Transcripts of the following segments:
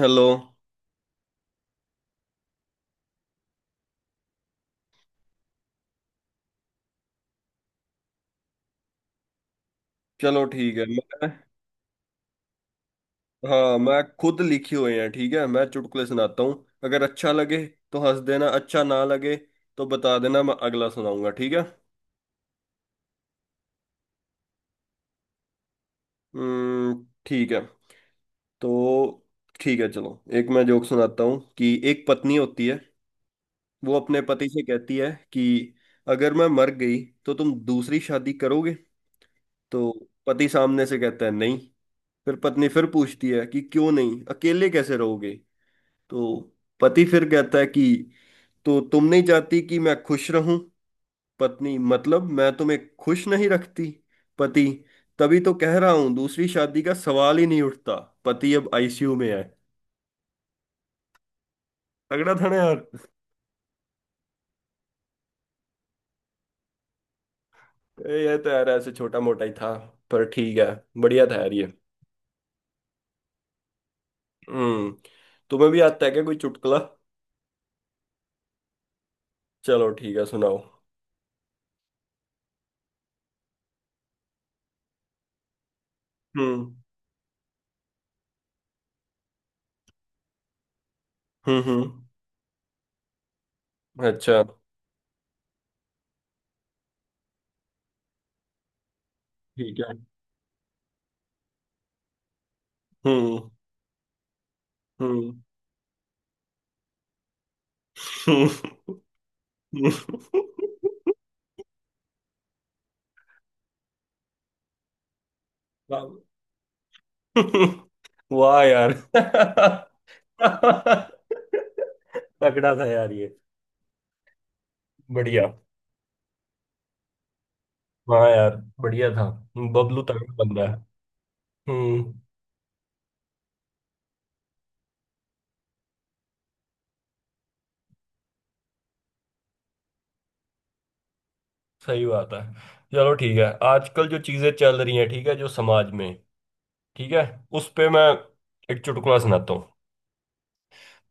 Hello. चलो ठीक है मैं। हाँ मैं खुद लिखे हुए हैं। ठीक है मैं चुटकुले सुनाता हूँ, अगर अच्छा लगे तो हंस देना, अच्छा ना लगे तो बता देना, मैं अगला सुनाऊंगा। ठीक है। हम्म। ठीक है तो ठीक है चलो, एक मैं जोक सुनाता हूँ कि एक पत्नी होती है। वो अपने पति से कहती है कि अगर मैं मर गई तो तुम दूसरी शादी करोगे। तो पति सामने से कहता है नहीं। फिर पत्नी फिर पूछती है कि क्यों नहीं, अकेले कैसे रहोगे। तो पति फिर कहता है कि तो तुम नहीं चाहती कि मैं खुश रहूं। पत्नी, मतलब मैं तुम्हें खुश नहीं रखती। पति, तभी तो कह रहा हूं दूसरी शादी का सवाल ही नहीं उठता। पति अब आईसीयू में है। तगड़ा था ना यार। ये तो यार ऐसे छोटा मोटा ही था, पर ठीक है, बढ़िया था यार ये। हम्म। तुम्हें भी आता है क्या कोई चुटकुला? चलो ठीक है सुनाओ। हम्म। हम्म। हम्म। अच्छा। ठीक है। हम्म। हम्म। हम्म। वाह यार, तगड़ा था यार ये, बढ़िया। हाँ यार बढ़िया था, बबलू तगड़ा बंदा है। हम्म। सही बात है। चलो ठीक है, आजकल जो चीजें चल रही हैं, ठीक है, जो समाज में, ठीक है, उस पे मैं एक चुटकुला सुनाता हूँ।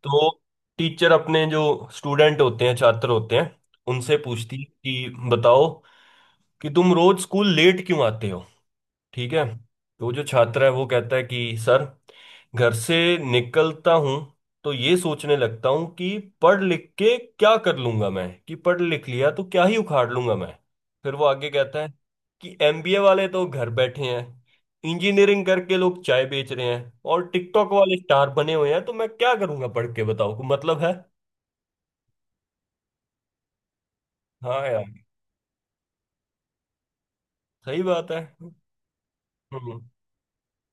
तो टीचर अपने जो स्टूडेंट होते हैं, छात्र होते हैं, उनसे पूछती है कि बताओ कि तुम रोज स्कूल लेट क्यों आते हो। ठीक है। तो जो छात्र है वो कहता है कि सर घर से निकलता हूं तो ये सोचने लगता हूं कि पढ़ लिख के क्या कर लूंगा मैं, कि पढ़ लिख लिया तो क्या ही उखाड़ लूंगा मैं। फिर वो आगे कहता है कि एमबीए वाले तो घर बैठे हैं, इंजीनियरिंग करके लोग चाय बेच रहे हैं और टिकटॉक वाले स्टार बने हुए हैं, तो मैं क्या करूंगा पढ़ के, बताओ को मतलब है। हाँ यार सही बात है। हम्म।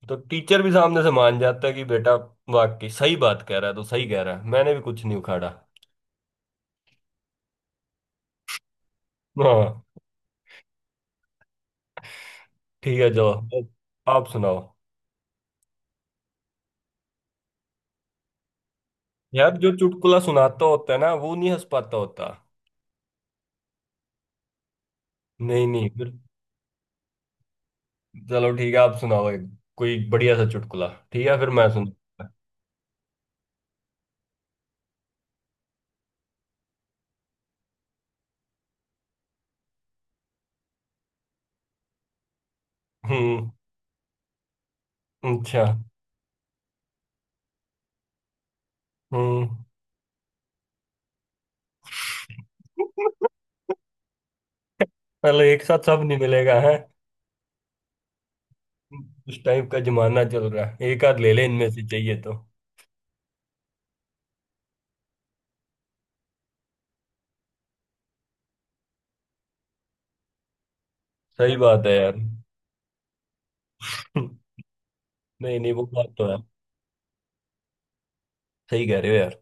तो टीचर भी सामने से मान जाता है कि बेटा वाकई सही बात कह रहा है, तो सही कह रहा है, मैंने भी कुछ नहीं उखाड़ा। हाँ। ठीक है चलो, अब आप सुनाओ। यार जो चुटकुला सुनाता होता है ना, वो नहीं हंस पाता होता। नहीं नहीं फिर, चलो ठीक है आप सुनाओ एक कोई बढ़िया सा चुटकुला, ठीक है, फिर मैं सुना। हम्म। अच्छा। हम्म। मतलब एक साथ सब नहीं मिलेगा है, उस टाइप का जमाना चल रहा है, एक आध ले ले इनमें से चाहिए तो। सही बात है यार। नहीं नहीं वो बात तो है, सही कह रहे हो यार।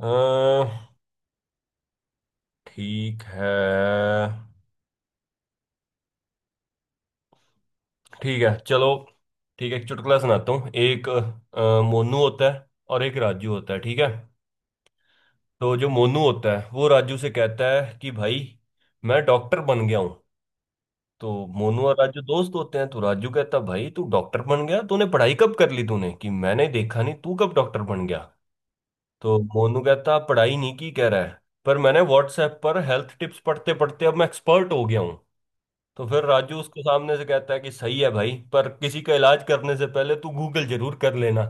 अह, ठीक है। ठीक है चलो, ठीक है एक चुटकुला सुनाता हूँ। एक मोनू होता है और एक राजू होता है, ठीक है। तो जो मोनू होता है वो राजू से कहता है कि भाई मैं डॉक्टर बन गया हूँ। तो मोनू और राजू दोस्त होते हैं, तो राजू कहता है भाई तू डॉक्टर बन गया, तूने पढ़ाई कब कर ली तूने, कि मैंने देखा नहीं तू कब डॉक्टर बन गया। तो मोनू कहता पढ़ाई नहीं की, कह रहा है पर मैंने व्हाट्सएप पर हेल्थ टिप्स पढ़ते पढ़ते अब मैं एक्सपर्ट हो गया हूँ। तो फिर राजू उसको सामने से कहता है कि सही है भाई, पर किसी का इलाज करने से पहले तू गूगल जरूर कर लेना।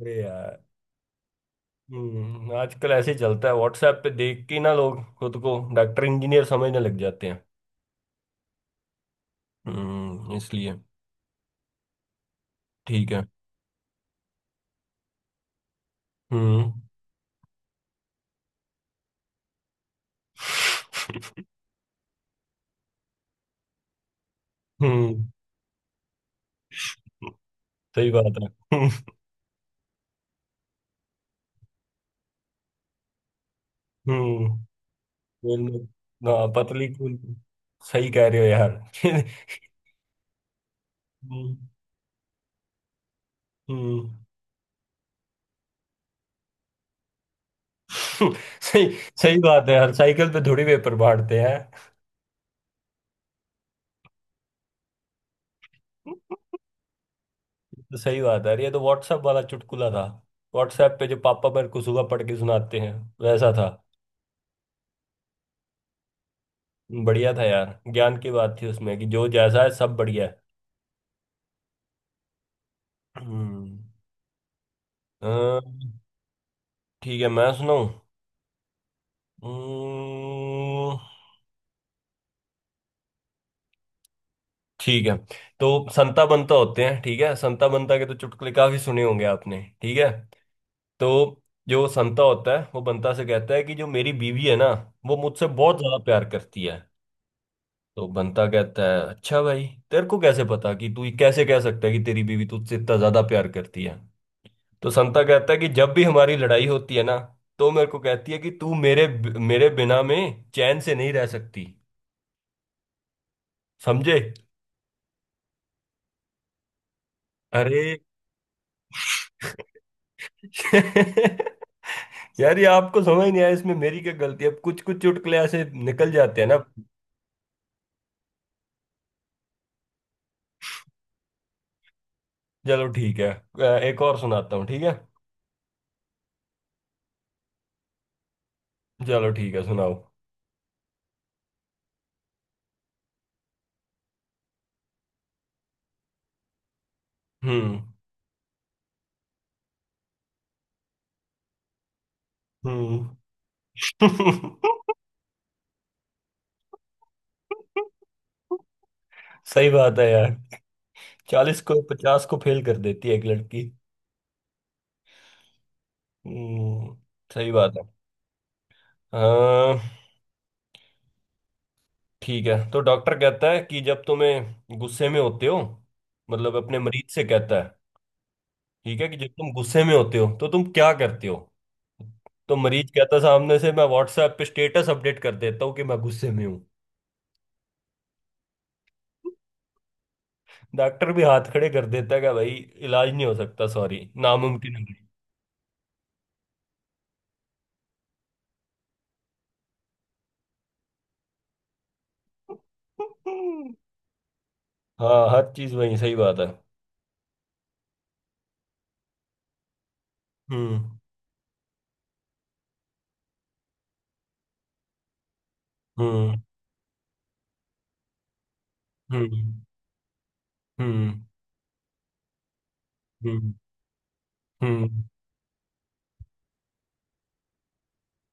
अरे यार। हम्म। आजकल ऐसे ही चलता है, व्हाट्सएप पे देख के ना लोग खुद को डॉक्टर इंजीनियर समझने लग जाते हैं। हम्म, इसलिए ठीक है। हम्म। हम्म। सही बात है। हम्म। हम्म, बोल में ना, पतली कूल। सही कह रहे हो यार। हम्म। हम्म। सही। सही बात है यार, साइकिल पे थोड़ी पेपर बांटते हैं। तो सही बात है, अरे ये तो व्हाट्सएप वाला चुटकुला था, व्हाट्सएप पे जो पापा मेरे को सुबह पढ़ के सुनाते हैं, वैसा था। बढ़िया था यार, ज्ञान की बात थी उसमें कि जो जैसा है सब बढ़िया है। हम्म। अ, ठीक है मैं सुनाऊं। हम्म। ठीक है। तो संता बंता होते हैं, ठीक है, संता बंता के तो चुटकुले काफी सुने होंगे आपने, ठीक है। तो जो संता होता है वो बंता से कहता है कि जो मेरी बीवी है ना, वो मुझसे बहुत ज्यादा प्यार करती है। तो बनता कहता है अच्छा भाई, तेरे को कैसे पता, कि तू कैसे कह सकता है कि तेरी बीवी तुझसे इतना ज्यादा प्यार करती है। तो संता कहता है कि जब भी हमारी लड़ाई होती है ना, तो मेरे को कहती है कि तू मेरे मेरे बिना में चैन से नहीं रह सकती। समझे? अरे यार ये आपको समझ नहीं आया, इसमें मेरी क्या गलती है, अब कुछ कुछ चुटकुले ऐसे निकल जाते हैं ना। चलो ठीक है, एक और सुनाता हूँ, ठीक है। चलो ठीक है सुनाओ। हम्म। हम्म। सही बात है यार, चालीस को पचास को फेल कर देती है एक लड़की। हम्म। सही बात है। हाँ ठीक है। तो डॉक्टर कहता है कि जब तुम्हें गुस्से में होते हो, मतलब अपने मरीज से कहता है, ठीक है, कि जब तुम गुस्से में होते हो तो तुम क्या करते हो। तो मरीज कहता है, सामने से, मैं व्हाट्सएप पे स्टेटस अपडेट कर देता हूँ कि मैं गुस्से में हूँ। डॉक्टर भी हाथ खड़े कर देता है कि भाई इलाज नहीं हो सकता, सॉरी, नामुमकिन है भाई। हाँ हर चीज वही, सही बात है। हम्म। हम्म। हम्म। हम्म। हम्म। हम्म।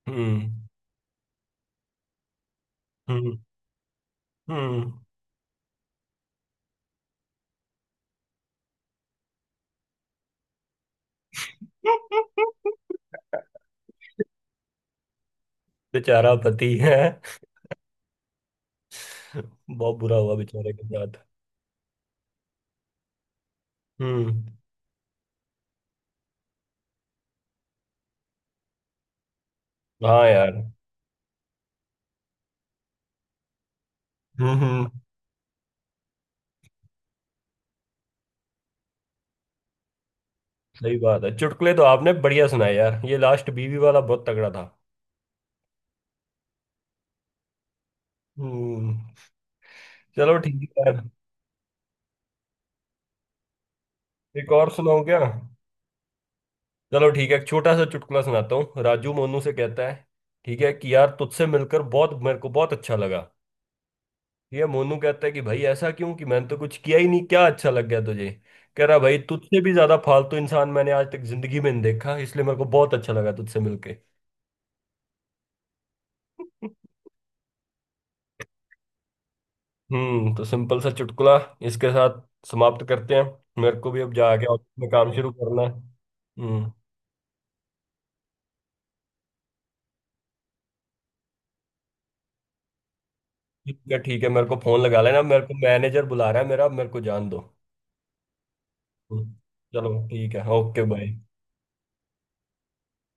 हम्म। हम्म। हम्म। बेचारा पति है, बहुत बुरा हुआ बेचारे के साथ। हम्म। हाँ यार। हम्म। हम्म। सही बात है, चुटकुले तो आपने बढ़िया सुनाए यार, ये लास्ट बीवी वाला बहुत तगड़ा था। हम्म। चलो ठीक है यार। एक और सुनाओ क्या? चलो ठीक है, एक छोटा सा चुटकुला सुनाता हूँ। राजू मोनू से कहता है, ठीक है, कि यार तुझसे मिलकर बहुत, मेरे को बहुत अच्छा लगा। ये मोनू कहता है कि भाई ऐसा क्यों, कि मैंने तो कुछ किया ही नहीं, क्या अच्छा लग गया तुझे? कह रहा भाई तुझसे भी ज्यादा फालतू इंसान मैंने आज तक जिंदगी में नहीं देखा, इसलिए मेरे को बहुत अच्छा लगा तुझसे मिलके। हम्म। तो सिंपल सा चुटकुला, इसके साथ समाप्त करते हैं, मेरे को भी अब जाके ऑफिस में काम शुरू करना है। हम्म। ठीक है ठीक है, मेरे को फोन लगा लेना, मेरे को मैनेजर बुला रहा है मेरा, मेरे को जान दो। हम्म। चलो ठीक है, ओके बाय।